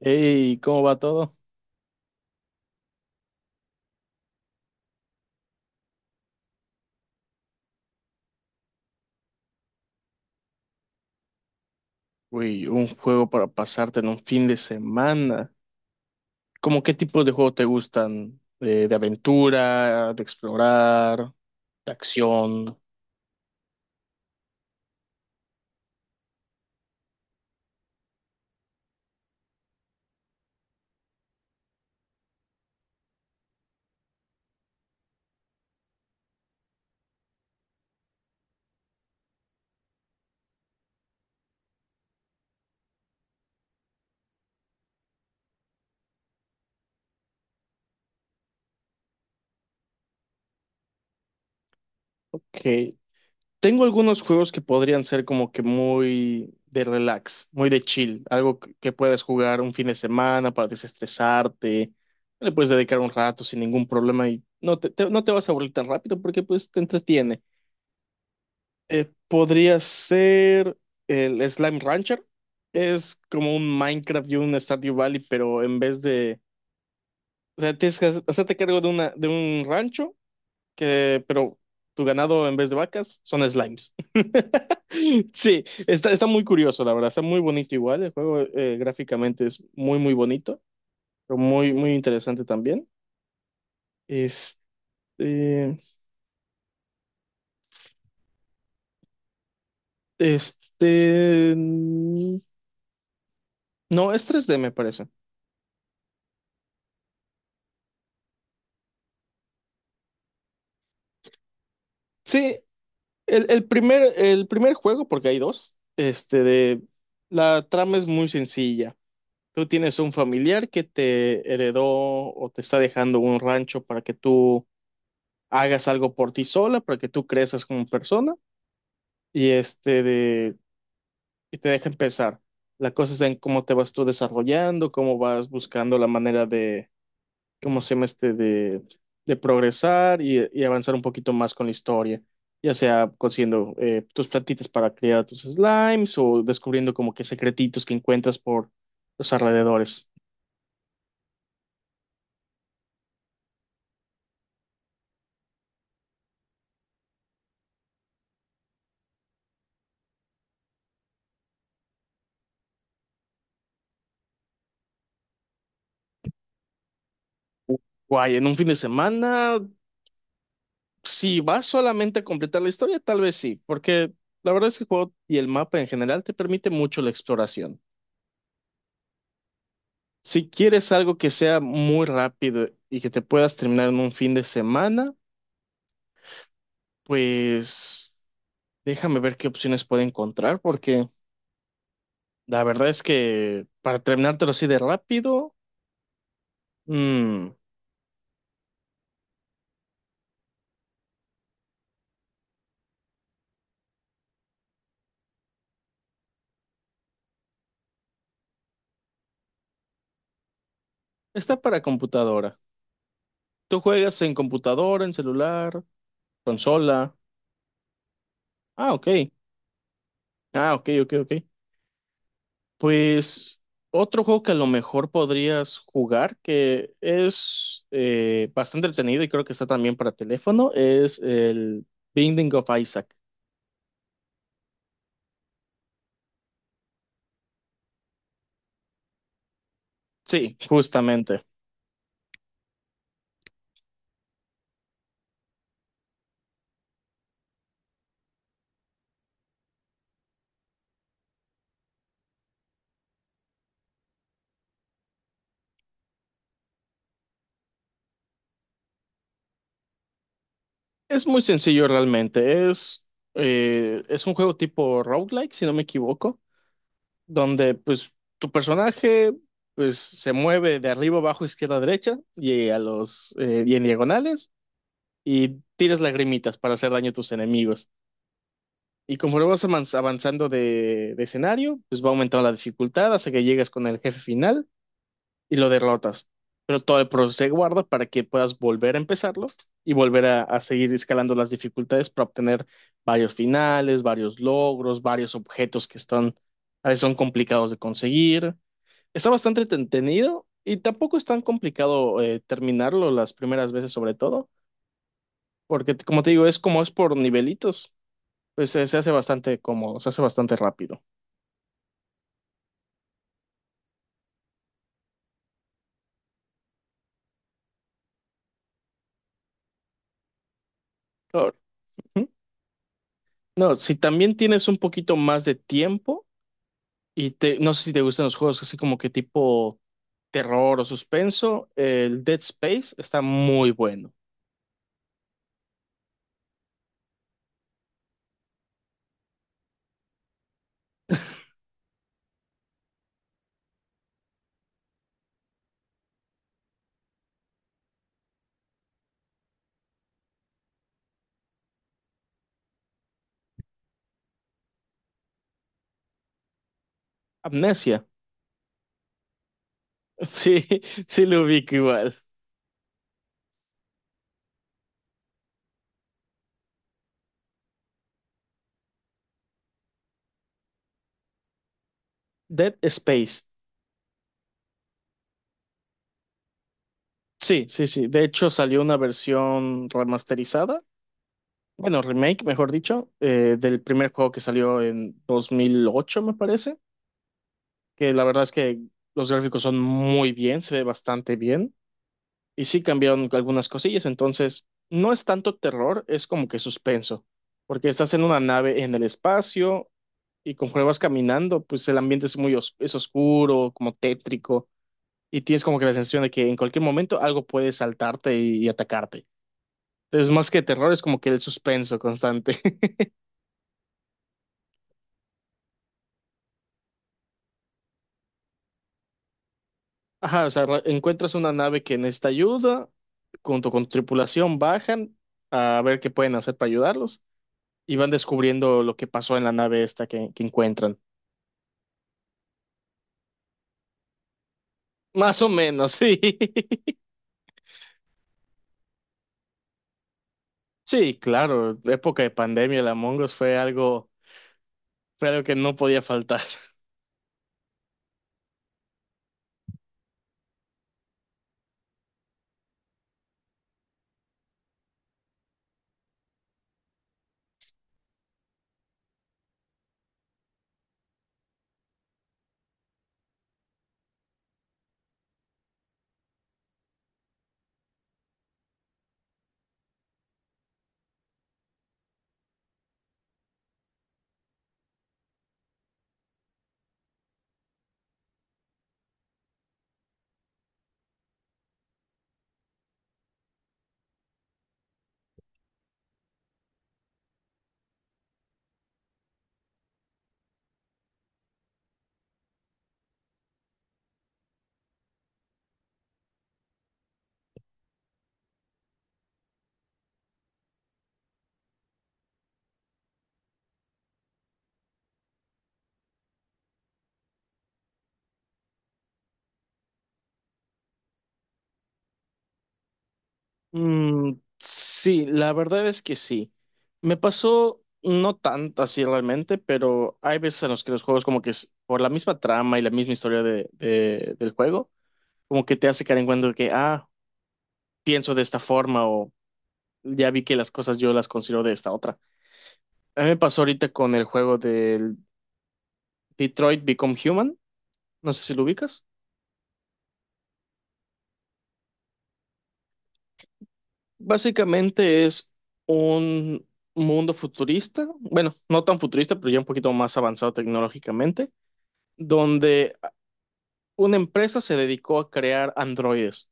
Hey, ¿cómo va todo? Uy, un juego para pasarte en un fin de semana. ¿Cómo qué tipo de juegos te gustan? ¿De aventura, de explorar, de acción? Que tengo algunos juegos que podrían ser como que muy de relax, muy de chill, algo que puedas jugar un fin de semana para desestresarte. Le puedes dedicar un rato sin ningún problema y no no te vas a aburrir tan rápido porque pues te entretiene. Podría ser el Slime Rancher. Es como un Minecraft y un Stardew Valley, pero en vez de... O sea, tienes que hacerte cargo de una, de un rancho, que, pero tu ganado en vez de vacas son slimes. Sí, está muy curioso, la verdad. Está muy bonito igual. El juego gráficamente es muy, muy bonito, pero muy, muy interesante también. Este, este, mm, no, es 3D, me parece. Sí, el primer juego, porque hay dos, este de la trama es muy sencilla. Tú tienes un familiar que te heredó o te está dejando un rancho para que tú hagas algo por ti sola, para que tú crezcas como persona, y este de y te deja empezar. La cosa es en cómo te vas tú desarrollando, cómo vas buscando la manera. ¿Cómo se llama este? De progresar y avanzar un poquito más con la historia, ya sea consiguiendo tus plantitas para criar a tus slimes o descubriendo como que secretitos que encuentras por los alrededores. Guay, en un fin de semana, si vas solamente a completar la historia, tal vez sí, porque la verdad es que el juego y el mapa en general te permite mucho la exploración. Si quieres algo que sea muy rápido y que te puedas terminar en un fin de semana, pues déjame ver qué opciones puedo encontrar, porque la verdad es que para terminártelo así de rápido, mm, está para computadora. ¿Tú juegas en computadora, en celular, consola? Ah, ok. Ah, ok, ok, ok. Pues otro juego que a lo mejor podrías jugar, que es bastante entretenido y creo que está también para teléfono, es el Binding of Isaac. Sí, justamente. Es muy sencillo realmente. Es un juego tipo roguelike, si no me equivoco, donde pues tu personaje pues se mueve de arriba, abajo, izquierda, derecha y a los y en diagonales y tiras lagrimitas para hacer daño a tus enemigos. Y conforme avanzando de escenario, pues va aumentando la dificultad hasta que llegas con el jefe final y lo derrotas. Pero todo el proceso se guarda para que puedas volver a empezarlo y volver a seguir escalando las dificultades para obtener varios finales, varios logros, varios objetos que están, a veces son complicados de conseguir. Está bastante entretenido y tampoco es tan complicado terminarlo las primeras veces, sobre todo, porque como te digo, es como es por nivelitos, pues se hace bastante cómodo, se hace bastante rápido. Ahora, ¿hmm? No, si también tienes un poquito más de tiempo y te, no sé si te gustan los juegos así como que tipo terror o suspenso. El Dead Space está muy bueno. Amnesia. Sí, sí lo ubico igual. Dead Space. Sí, sí, sí. De hecho salió una versión remasterizada. Bueno, remake, mejor dicho, del primer juego que salió en 2008 me parece. Que la verdad es que los gráficos son muy bien, se ve bastante bien. Y sí cambiaron algunas cosillas, entonces no es tanto terror, es como que suspenso, porque estás en una nave en el espacio y conforme vas caminando, pues el ambiente es oscuro, como tétrico, y tienes como que la sensación de que en cualquier momento algo puede saltarte y atacarte. Entonces, más que terror, es como que el suspenso constante. Ajá, o sea, encuentras una nave que necesita ayuda, junto con tu tripulación bajan a ver qué pueden hacer para ayudarlos y van descubriendo lo que pasó en la nave esta que encuentran. Más o menos, sí. Sí, claro, la época de pandemia, el Among Us fue algo que no podía faltar. Mm, sí, la verdad es que sí. Me pasó no tanto así realmente, pero hay veces en los que los juegos como que por la misma trama y la misma historia del juego, como que te hace caer en cuenta de que, ah, pienso de esta forma o ya vi que las cosas yo las considero de esta otra. A mí me pasó ahorita con el juego del Detroit Become Human, no sé si lo ubicas. Básicamente es un mundo futurista, bueno, no tan futurista, pero ya un poquito más avanzado tecnológicamente, donde una empresa se dedicó a crear androides,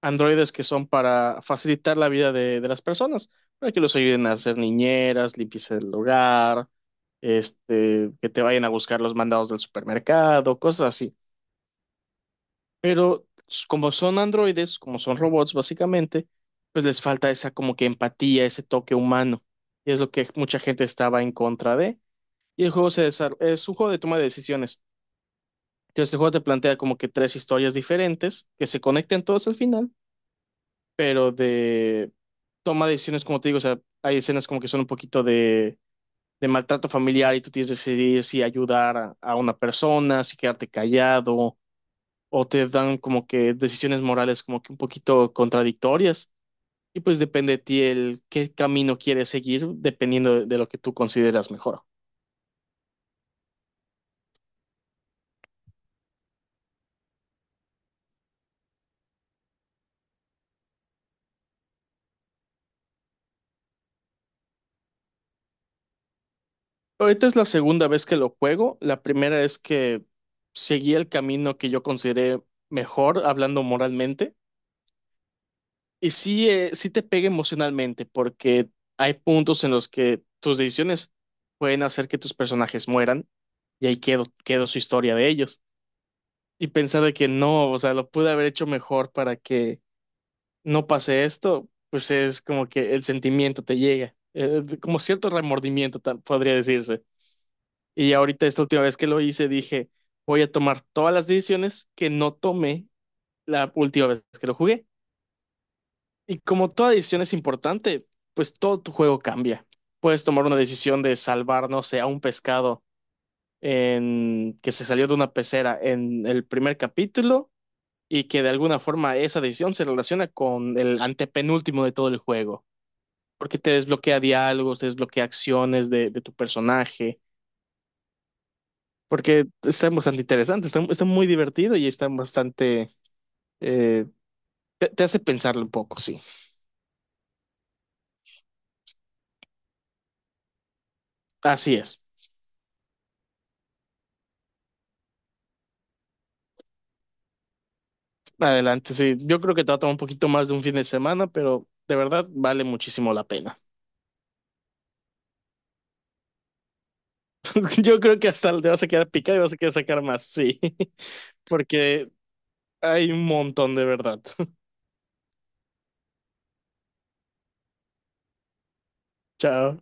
androides que son para facilitar la vida de las personas, para que los ayuden a hacer niñeras, limpieza del hogar, este, que te vayan a buscar los mandados del supermercado, cosas así. Pero como son androides, como son robots básicamente, pues les falta esa como que empatía, ese toque humano. Y es lo que mucha gente estaba en contra de. Y el juego es un juego de toma de decisiones. Entonces el juego te plantea como que tres historias diferentes que se conecten todas al final, pero de toma de decisiones, como te digo, o sea, hay escenas como que son un poquito de maltrato familiar y tú tienes que decidir si ayudar a una persona, si quedarte callado o te dan como que decisiones morales como que un poquito contradictorias y pues depende de ti el qué camino quieres seguir dependiendo de lo que tú consideras mejor. Ahorita es la segunda vez que lo juego. La primera es que seguí el camino que yo consideré mejor hablando moralmente. Y sí, sí te pega emocionalmente, porque hay puntos en los que tus decisiones pueden hacer que tus personajes mueran, y ahí quedó su historia de ellos. Y pensar de que no, o sea, lo pude haber hecho mejor para que no pase esto, pues es como que el sentimiento te llega, como cierto remordimiento, podría decirse. Y ahorita esta última vez que lo hice, dije, voy a tomar todas las decisiones que no tomé la última vez que lo jugué. Y como toda decisión es importante, pues todo tu juego cambia. Puedes tomar una decisión de salvar, no sé, a un pescado en... que se salió de una pecera en el primer capítulo y que de alguna forma esa decisión se relaciona con el antepenúltimo de todo el juego, porque te desbloquea diálogos, te desbloquea acciones de tu personaje, porque está bastante interesante, está, está muy divertido y está bastante... eh, te hace pensarlo un poco, sí. Así es. Adelante, sí. Yo creo que te va a tomar un poquito más de un fin de semana, pero de verdad vale muchísimo la pena. Yo creo que hasta te vas a quedar picado y vas a querer sacar más, sí. Porque hay un montón de verdad. Chao.